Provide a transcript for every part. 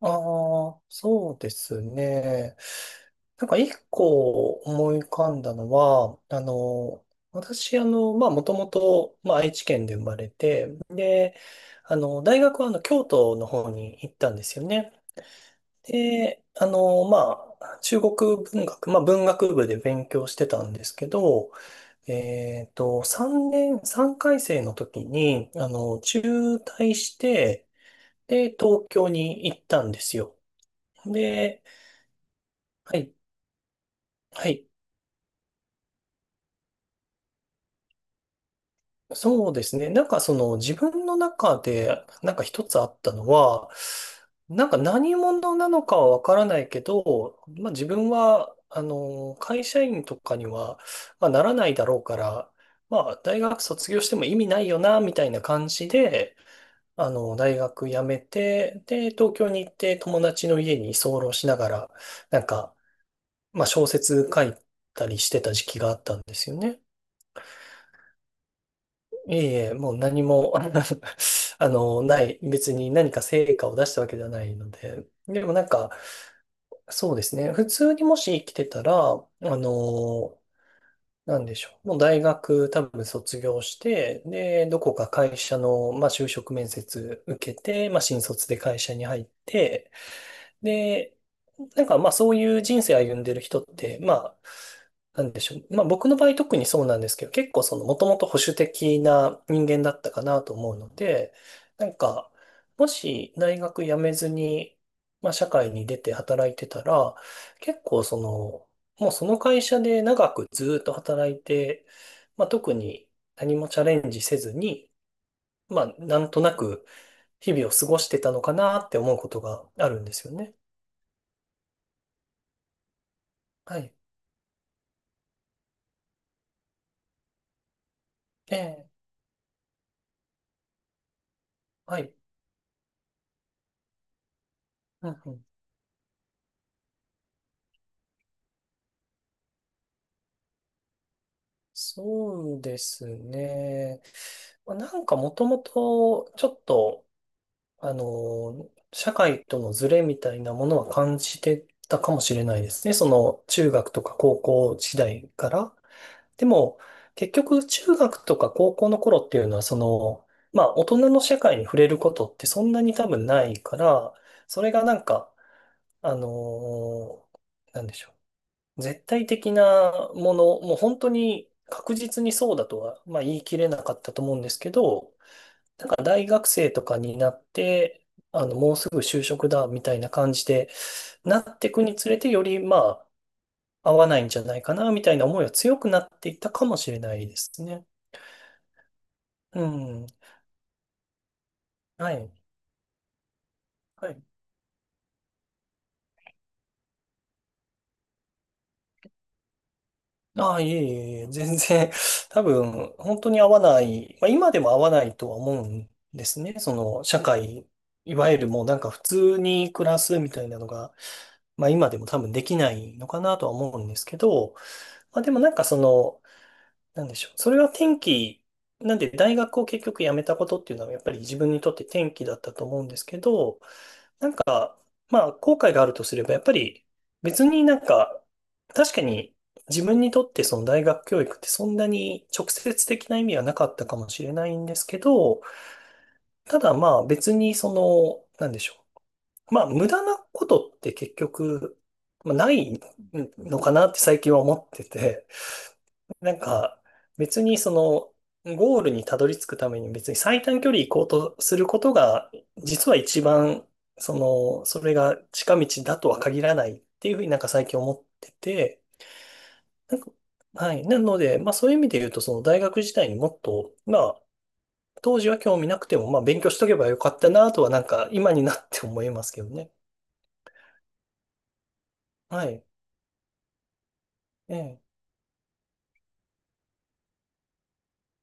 ああ、そうですね。なんか一個思い浮かんだのは、私、もともと、愛知県で生まれて、で、大学は、京都の方に行ったんですよね。で、中国文学、文学部で勉強してたんですけど、3年、3回生の時に、中退して、で、東京に行ったんですよ。で、はい。はい。そうですね。なんかその自分の中でなんか一つあったのは、なんか何者なのかはわからないけど、まあ自分は、会社員とかには、まあ、ならないだろうから、まあ大学卒業しても意味ないよな、みたいな感じで、大学辞めて、で、東京に行って友達の家に居候しながら、なんか、まあ小説書いたりしてた時期があったんですよね。いえいえ、もう何も、ない、別に何か成果を出したわけではないので、でもなんか、そうですね、普通にもし生きてたら、なんでしょう、もう大学多分卒業して、で、どこか会社の、まあ、就職面接受けて、まあ、新卒で会社に入って、で、なんかまあそういう人生歩んでる人って、まあ、なんでしょう。まあ僕の場合特にそうなんですけど、結構そのもともと保守的な人間だったかなと思うので、なんか、もし大学辞めずに、まあ社会に出て働いてたら、結構その、もうその会社で長くずっと働いて、まあ特に何もチャレンジせずに、まあなんとなく日々を過ごしてたのかなって思うことがあるんですよね。はい。ええ、はい。うんうん、そうですね。まあなんかもともと、ちょっと、社会とのズレみたいなものは感じてたかもしれないですね。その、中学とか高校時代から。でも、結局、中学とか高校の頃っていうのは、その、まあ、大人の社会に触れることってそんなに多分ないから、それがなんか、あの、なんでしょう。絶対的なもの、もう本当に確実にそうだとは、まあ、言い切れなかったと思うんですけど、なんか大学生とかになって、もうすぐ就職だみたいな感じで、なっていくにつれて、よりまあ、合わないんじゃないかなみたいな思いは強くなっていったかもしれないですね。うん。はい。はいああ、いえいえいえ。全然、多分、本当に合わない、まあ、今でも合わないとは思うんですね。その、社会、いわゆるもうなんか普通に暮らすみたいなのが、まあ今でも多分できないのかなとは思うんですけど、まあでもなんかその、なんでしょう。それは転機、なんで大学を結局辞めたことっていうのはやっぱり自分にとって転機だったと思うんですけど、まあ、後悔があるとすれば、やっぱり別になんか、確かに自分にとってその大学教育ってそんなに直接的な意味はなかったかもしれないんですけど、ただまあ別にその、なんでしょう。まあ無駄なことって結局、まあないのかなって最近は思ってて、なんか、別にその、ゴールにたどり着くために別に最短距離行こうとすることが、実は一番、その、それが近道だとは限らないっていうふうになんか最近思ってて、なんか、はい。なので、まあそういう意味で言うと、その大学時代にもっと、まあ、当時は興味なくても、まあ勉強しとけばよかったなとはなんか今になって思いますけどね。はい。ええ。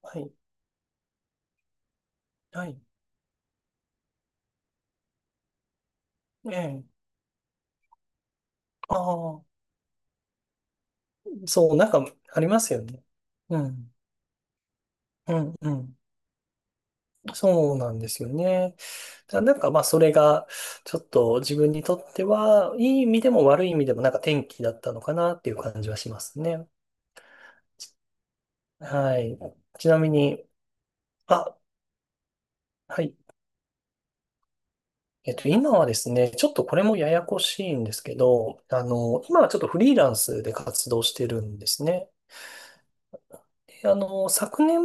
はい。はい。ええ。ああ、そう、なんかありますよね。うん。うん。うん。そうなんですよね。だなんかまあそれがちょっと自分にとってはいい意味でも悪い意味でもなんか転機だったのかなっていう感じはしますね。はい。ちなみに、あ、はい。今はですね、ちょっとこれもややこしいんですけど、今はちょっとフリーランスで活動してるんですね。昨年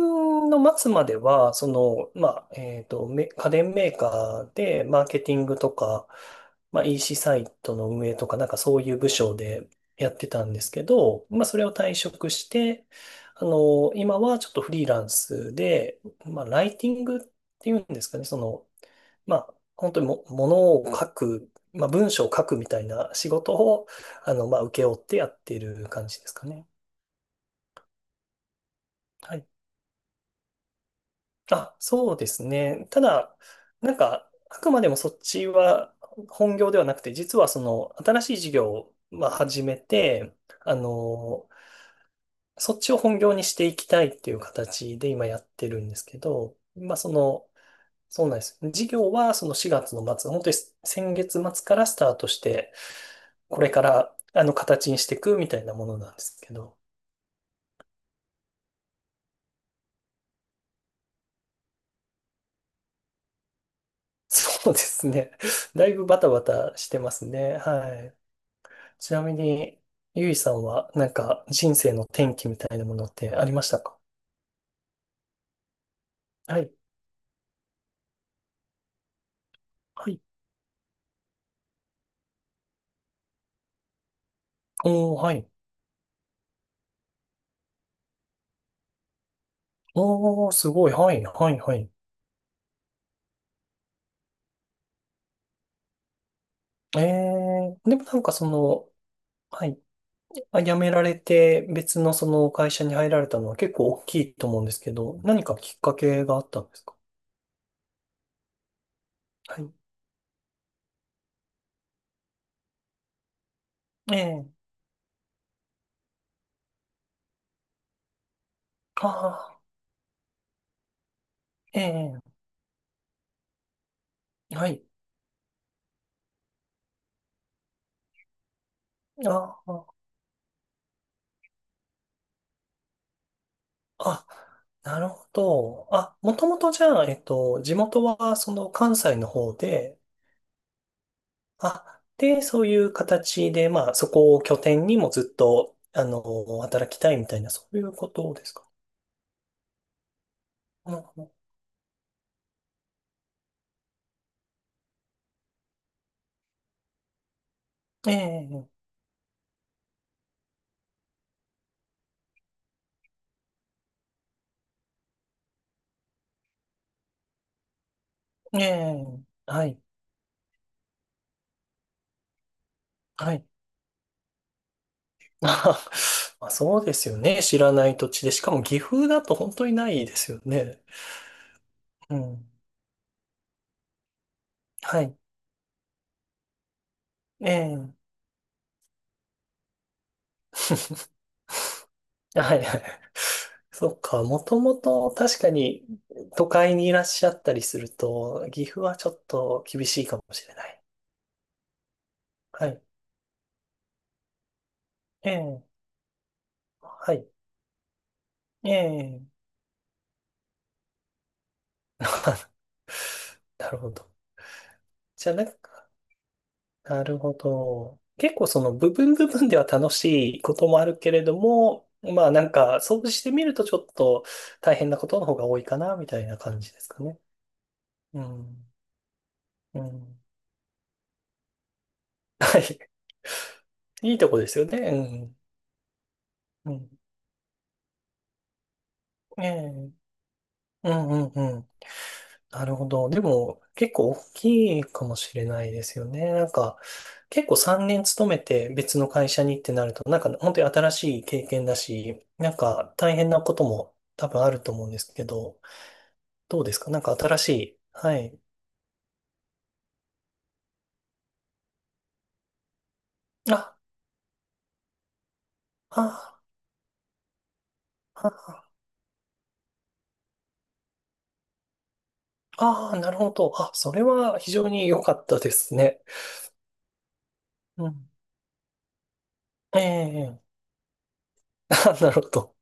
の末までは、その、まあ、家電メーカーで、マーケティングとか、まあ、EC サイトの運営とか、なんかそういう部署でやってたんですけど、まあ、それを退職して、今はちょっとフリーランスで、まあ、ライティングっていうんですかね、その、まあ、本当にも、ものを書く、まあ、文章を書くみたいな仕事を、まあ、請け負ってやってる感じですかね。はいあ、そうですね。ただ、なんか、あくまでもそっちは本業ではなくて、実はその新しい事業をまあ始めて、あの、そっちを本業にしていきたいっていう形で今やってるんですけど、まあその、そうなんです。事業はその4月の末、本当に先月末からスタートして、これからあの形にしていくみたいなものなんですけど、そうですね。だいぶバタバタしてますね。はい。ちなみに、ゆいさんは、なんか、人生の転機みたいなものってありましたか？はい。はい。おー、はい。おー、すごい。はい、はい、はい。えー、でもなんかその、はい。あ辞められて、別のその会社に入られたのは結構大きいと思うんですけど、何かきっかけがあったんですか？はい。ええああー、ええはい。あーあ、なるほど。あ、もともとじゃあ、地元はその関西の方で、あ、で、そういう形で、まあ、そこを拠点にもずっと、働きたいみたいな、そういうことですか。うんうんええ、ええ、はい、はい。まあ、そうですよね。知らない土地で。しかも岐阜だと本当にないですよね。うん。はい。ええ、はい。そっか。もともと確かに都会にいらっしゃったりすると、岐阜はちょっと厳しいかもしれない。はい。ええ、はい。ええ。あ、なるほど。じゃあなんか、なるほど。結構その部分部分では楽しいこともあるけれども、まあなんか、掃除してみるとちょっと大変なことの方が多いかな、みたいな感じですかね。うん。うん。はい。いいとこですよね。うん。うん。ええ。うんうんうん。なるほど。でも、結構大きいかもしれないですよね。なんか、結構3年勤めて別の会社にってなると、なんか本当に新しい経験だし、なんか大変なことも多分あると思うんですけど、どうですかなんか新しい。はい。あ、あ、あ、あ、なるほど。あ、それは非常に良かったですね。うん。えええあ、なるほど。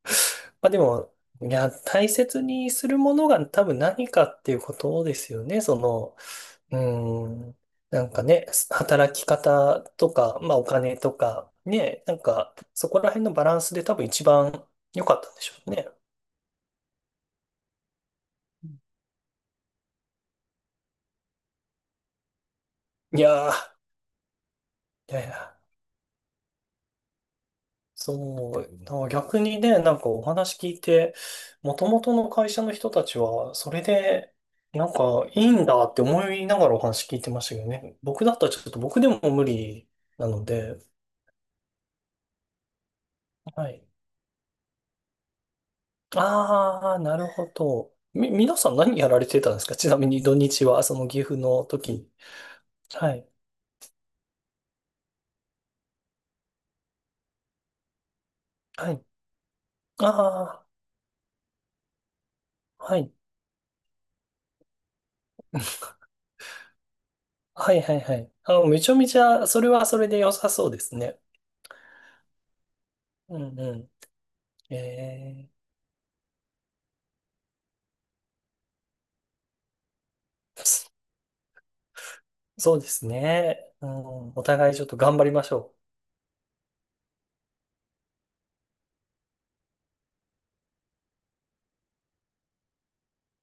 まあでも、いや、大切にするものが多分何かっていうことですよね。その、うん。なんかね、働き方とか、まあお金とか、ね、なんかそこら辺のバランスで多分一番良かったんでしょうね。いやー、いやいや、そう、だから逆にね、なんかお話聞いて、もともとの会社の人たちは、それで、なんかいいんだって思いながらお話聞いてましたけどね。僕だったらちょっと僕でも無理なので、はい。ああ、なるほど。み、皆さん何やられてたんですか？ちなみに土日は、その岐阜の時に。はい。はい。ああ、はい。はいはいはい。あ、めちゃめちゃ、それはそれで良さそうですね。うんうん。ええ、そうですね。うん、お互いちょっと頑張りましょう。